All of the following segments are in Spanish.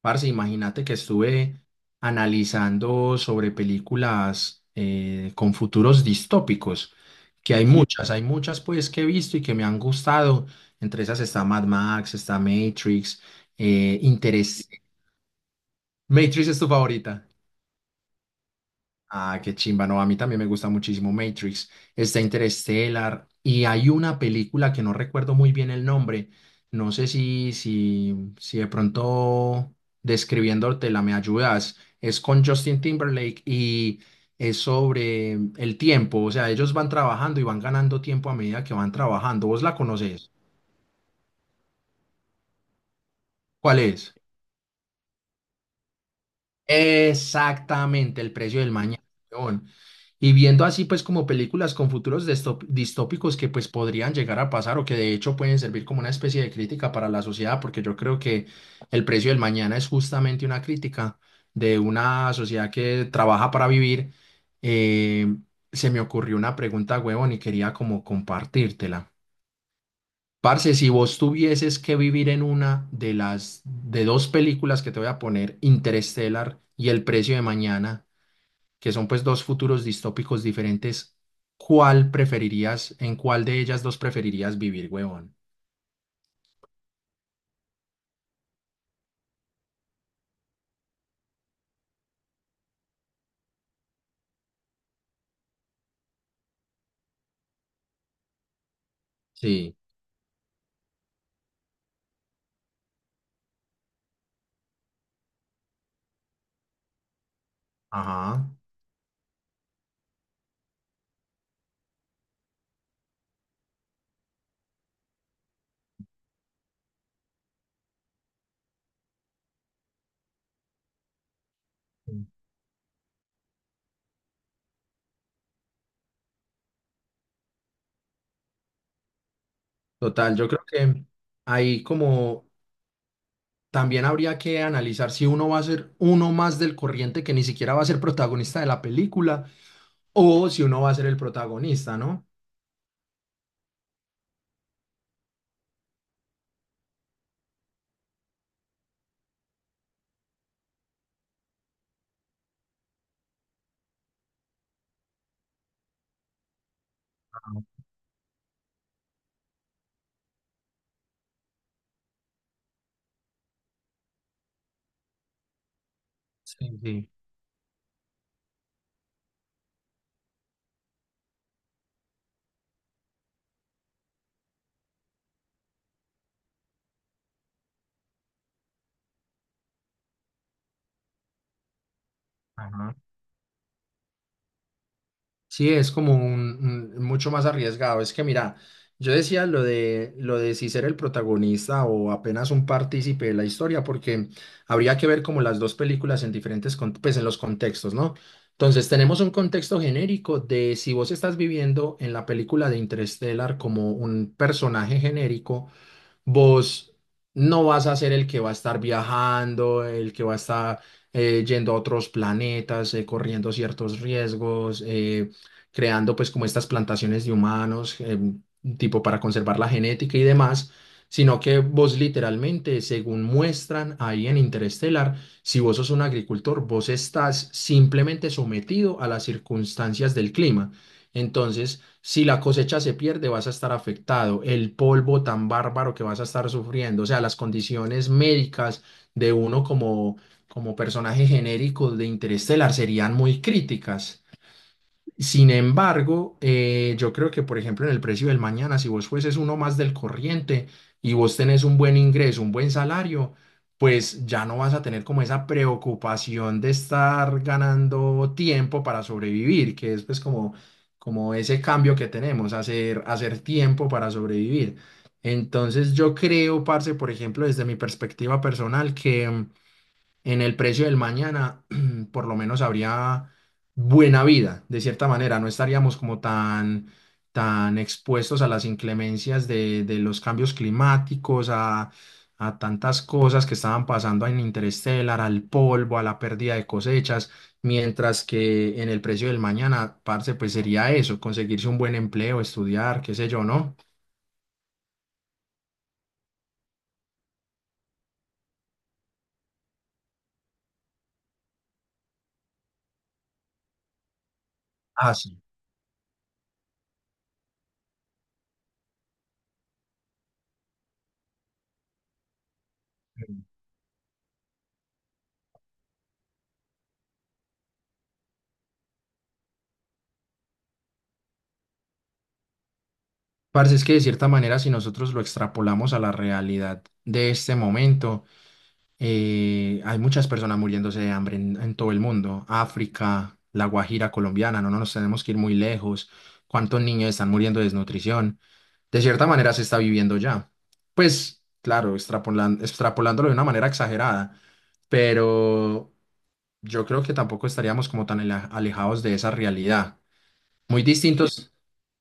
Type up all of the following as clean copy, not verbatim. Parce, imagínate que estuve analizando sobre películas con futuros distópicos, que hay Ujú. Muchas, hay muchas pues que he visto y que me han gustado. Entre esas está Mad Max, está Matrix, Interés. ¿Matrix es tu favorita? Ah, qué chimba, no, a mí también me gusta muchísimo Matrix, está Interstellar y hay una película que no recuerdo muy bien el nombre, no sé si de pronto describiéndotela me ayudas, es con Justin Timberlake y es sobre el tiempo, o sea, ellos van trabajando y van ganando tiempo a medida que van trabajando, ¿vos la conoces? ¿Cuál es? Exactamente, el precio del mañana. Weón. Y viendo así pues como películas con futuros distópicos que pues podrían llegar a pasar o que de hecho pueden servir como una especie de crítica para la sociedad, porque yo creo que el precio del mañana es justamente una crítica de una sociedad que trabaja para vivir. eh, Se me ocurrió una pregunta, huevón, y quería como compartírtela. Parce, si vos tuvieses que vivir en una de las de dos películas que te voy a poner, Interstellar y El precio de mañana, que son pues dos futuros distópicos diferentes, ¿cuál preferirías, en cuál de ellas dos preferirías vivir, huevón? Sí, ajá. Total, yo creo que ahí como también habría que analizar si uno va a ser uno más del corriente que ni siquiera va a ser protagonista de la película o si uno va a ser el protagonista, ¿no? Ah, sí, sí. Ajá. Sí, es como mucho más arriesgado. Es que mira, yo decía lo de si ser el protagonista o apenas un partícipe de la historia, porque habría que ver como las dos películas en diferentes pues en los contextos, ¿no? Entonces tenemos un contexto genérico de si vos estás viviendo en la película de Interstellar como un personaje genérico, vos no vas a ser el que va a estar viajando, el que va a estar yendo a otros planetas, corriendo ciertos riesgos, creando pues como estas plantaciones de humanos, tipo para conservar la genética y demás, sino que vos literalmente, según muestran ahí en Interestelar, si vos sos un agricultor, vos estás simplemente sometido a las circunstancias del clima. Entonces, si la cosecha se pierde, vas a estar afectado. El polvo tan bárbaro que vas a estar sufriendo, o sea, las condiciones médicas de uno como, como personaje genérico de Interestelar serían muy críticas. Sin embargo, yo creo que, por ejemplo, en el precio del mañana, si vos fueses uno más del corriente y vos tenés un buen ingreso, un buen salario, pues ya no vas a tener como esa preocupación de estar ganando tiempo para sobrevivir, que es pues como, como ese cambio que tenemos, hacer, hacer tiempo para sobrevivir. Entonces yo creo, parce, por ejemplo, desde mi perspectiva personal, que en el precio del mañana, por lo menos habría buena vida, de cierta manera. No estaríamos como tan, tan expuestos a las inclemencias de los cambios climáticos, a tantas cosas que estaban pasando en Interstellar, al polvo, a la pérdida de cosechas, mientras que en el precio del mañana, parce, pues sería eso, conseguirse un buen empleo, estudiar, qué sé yo, ¿no? Ah, sí. Parce, es que de cierta manera, si nosotros lo extrapolamos a la realidad de este momento, hay muchas personas muriéndose de hambre en todo el mundo. África, La Guajira colombiana, no, no nos tenemos que ir muy lejos. ¿Cuántos niños están muriendo de desnutrición? De cierta manera se está viviendo ya. Pues claro, extrapolándolo de una manera exagerada, pero yo creo que tampoco estaríamos como tan alejados de esa realidad. Muy distintos.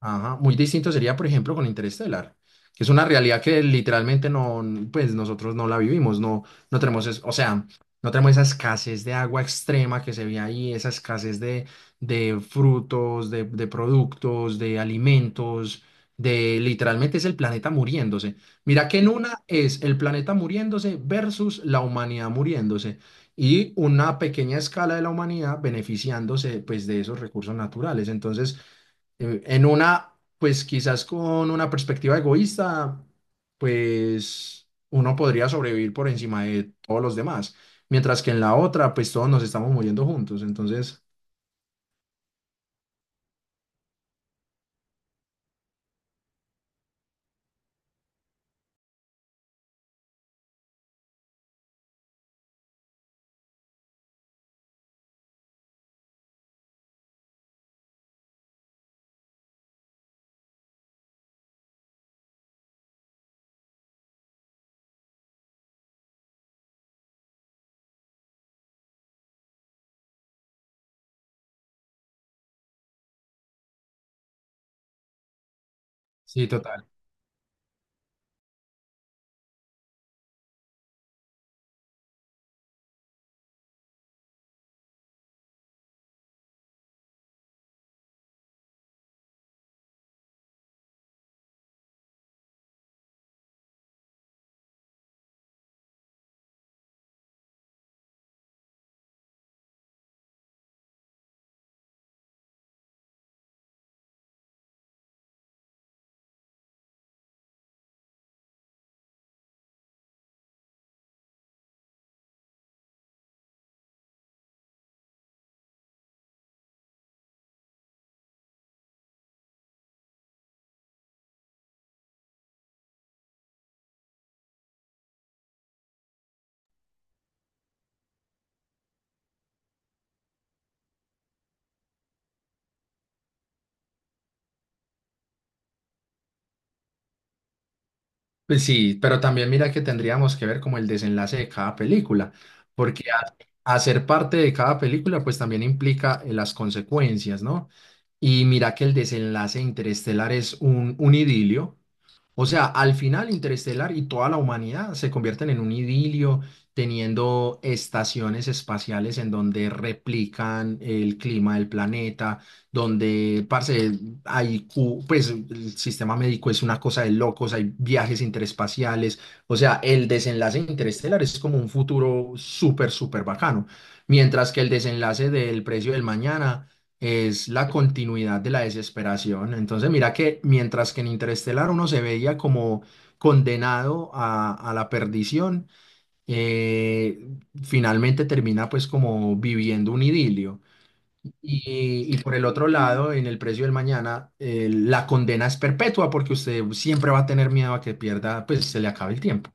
Ajá, muy distinto sería, por ejemplo, con Interestelar, que es una realidad que literalmente no, pues nosotros no la vivimos, no, no tenemos, o sea, no tenemos esa escasez de agua extrema que se ve ahí, esa escasez de frutos, de productos, de alimentos, de literalmente es el planeta muriéndose. Mira que en una es el planeta muriéndose versus la humanidad muriéndose y una pequeña escala de la humanidad beneficiándose, pues, de esos recursos naturales. Entonces, en una, pues quizás con una perspectiva egoísta, pues uno podría sobrevivir por encima de todos los demás, mientras que en la otra, pues todos nos estamos muriendo juntos. Entonces, sí, total. Pues sí, pero también mira que tendríamos que ver como el desenlace de cada película, porque hacer parte de cada película, pues también implica las consecuencias, ¿no? Y mira que el desenlace Interestelar es un idilio. O sea, al final Interestelar y toda la humanidad se convierten en un idilio, teniendo estaciones espaciales en donde replican el clima del planeta, donde, parce, hay, pues el sistema médico es una cosa de locos, hay viajes interespaciales, o sea, el desenlace de interestelar es como un futuro súper, súper bacano, mientras que el desenlace del precio del mañana es la continuidad de la desesperación. Entonces, mira que mientras que en Interestelar uno se veía como condenado a la perdición, eh, finalmente termina pues como viviendo un idilio. Y por el otro lado, en el precio del mañana, la condena es perpetua porque usted siempre va a tener miedo a que pierda, pues se le acabe el tiempo.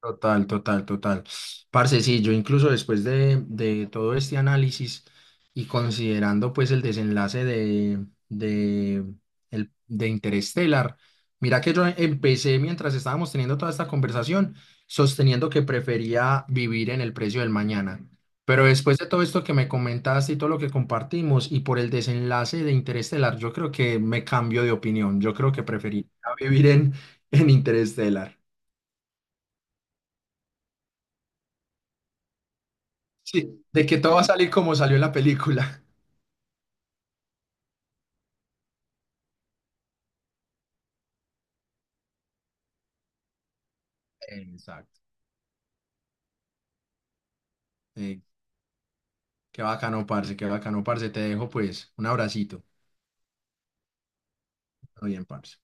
Total, total, total. Parce, sí, yo incluso después de todo este análisis y considerando pues el desenlace de, el, de Interstellar, mira que yo empecé mientras estábamos teniendo toda esta conversación sosteniendo que prefería vivir en el precio del mañana. Pero después de todo esto que me comentaste y todo lo que compartimos y por el desenlace de Interestelar, yo creo que me cambio de opinión. Yo creo que preferiría vivir en Interestelar. Sí, de que todo va a salir como salió en la película. Exacto. Eh, Qué bacano, parce, qué bacano, parce. Te dejo pues un abracito. Todo bien, parce.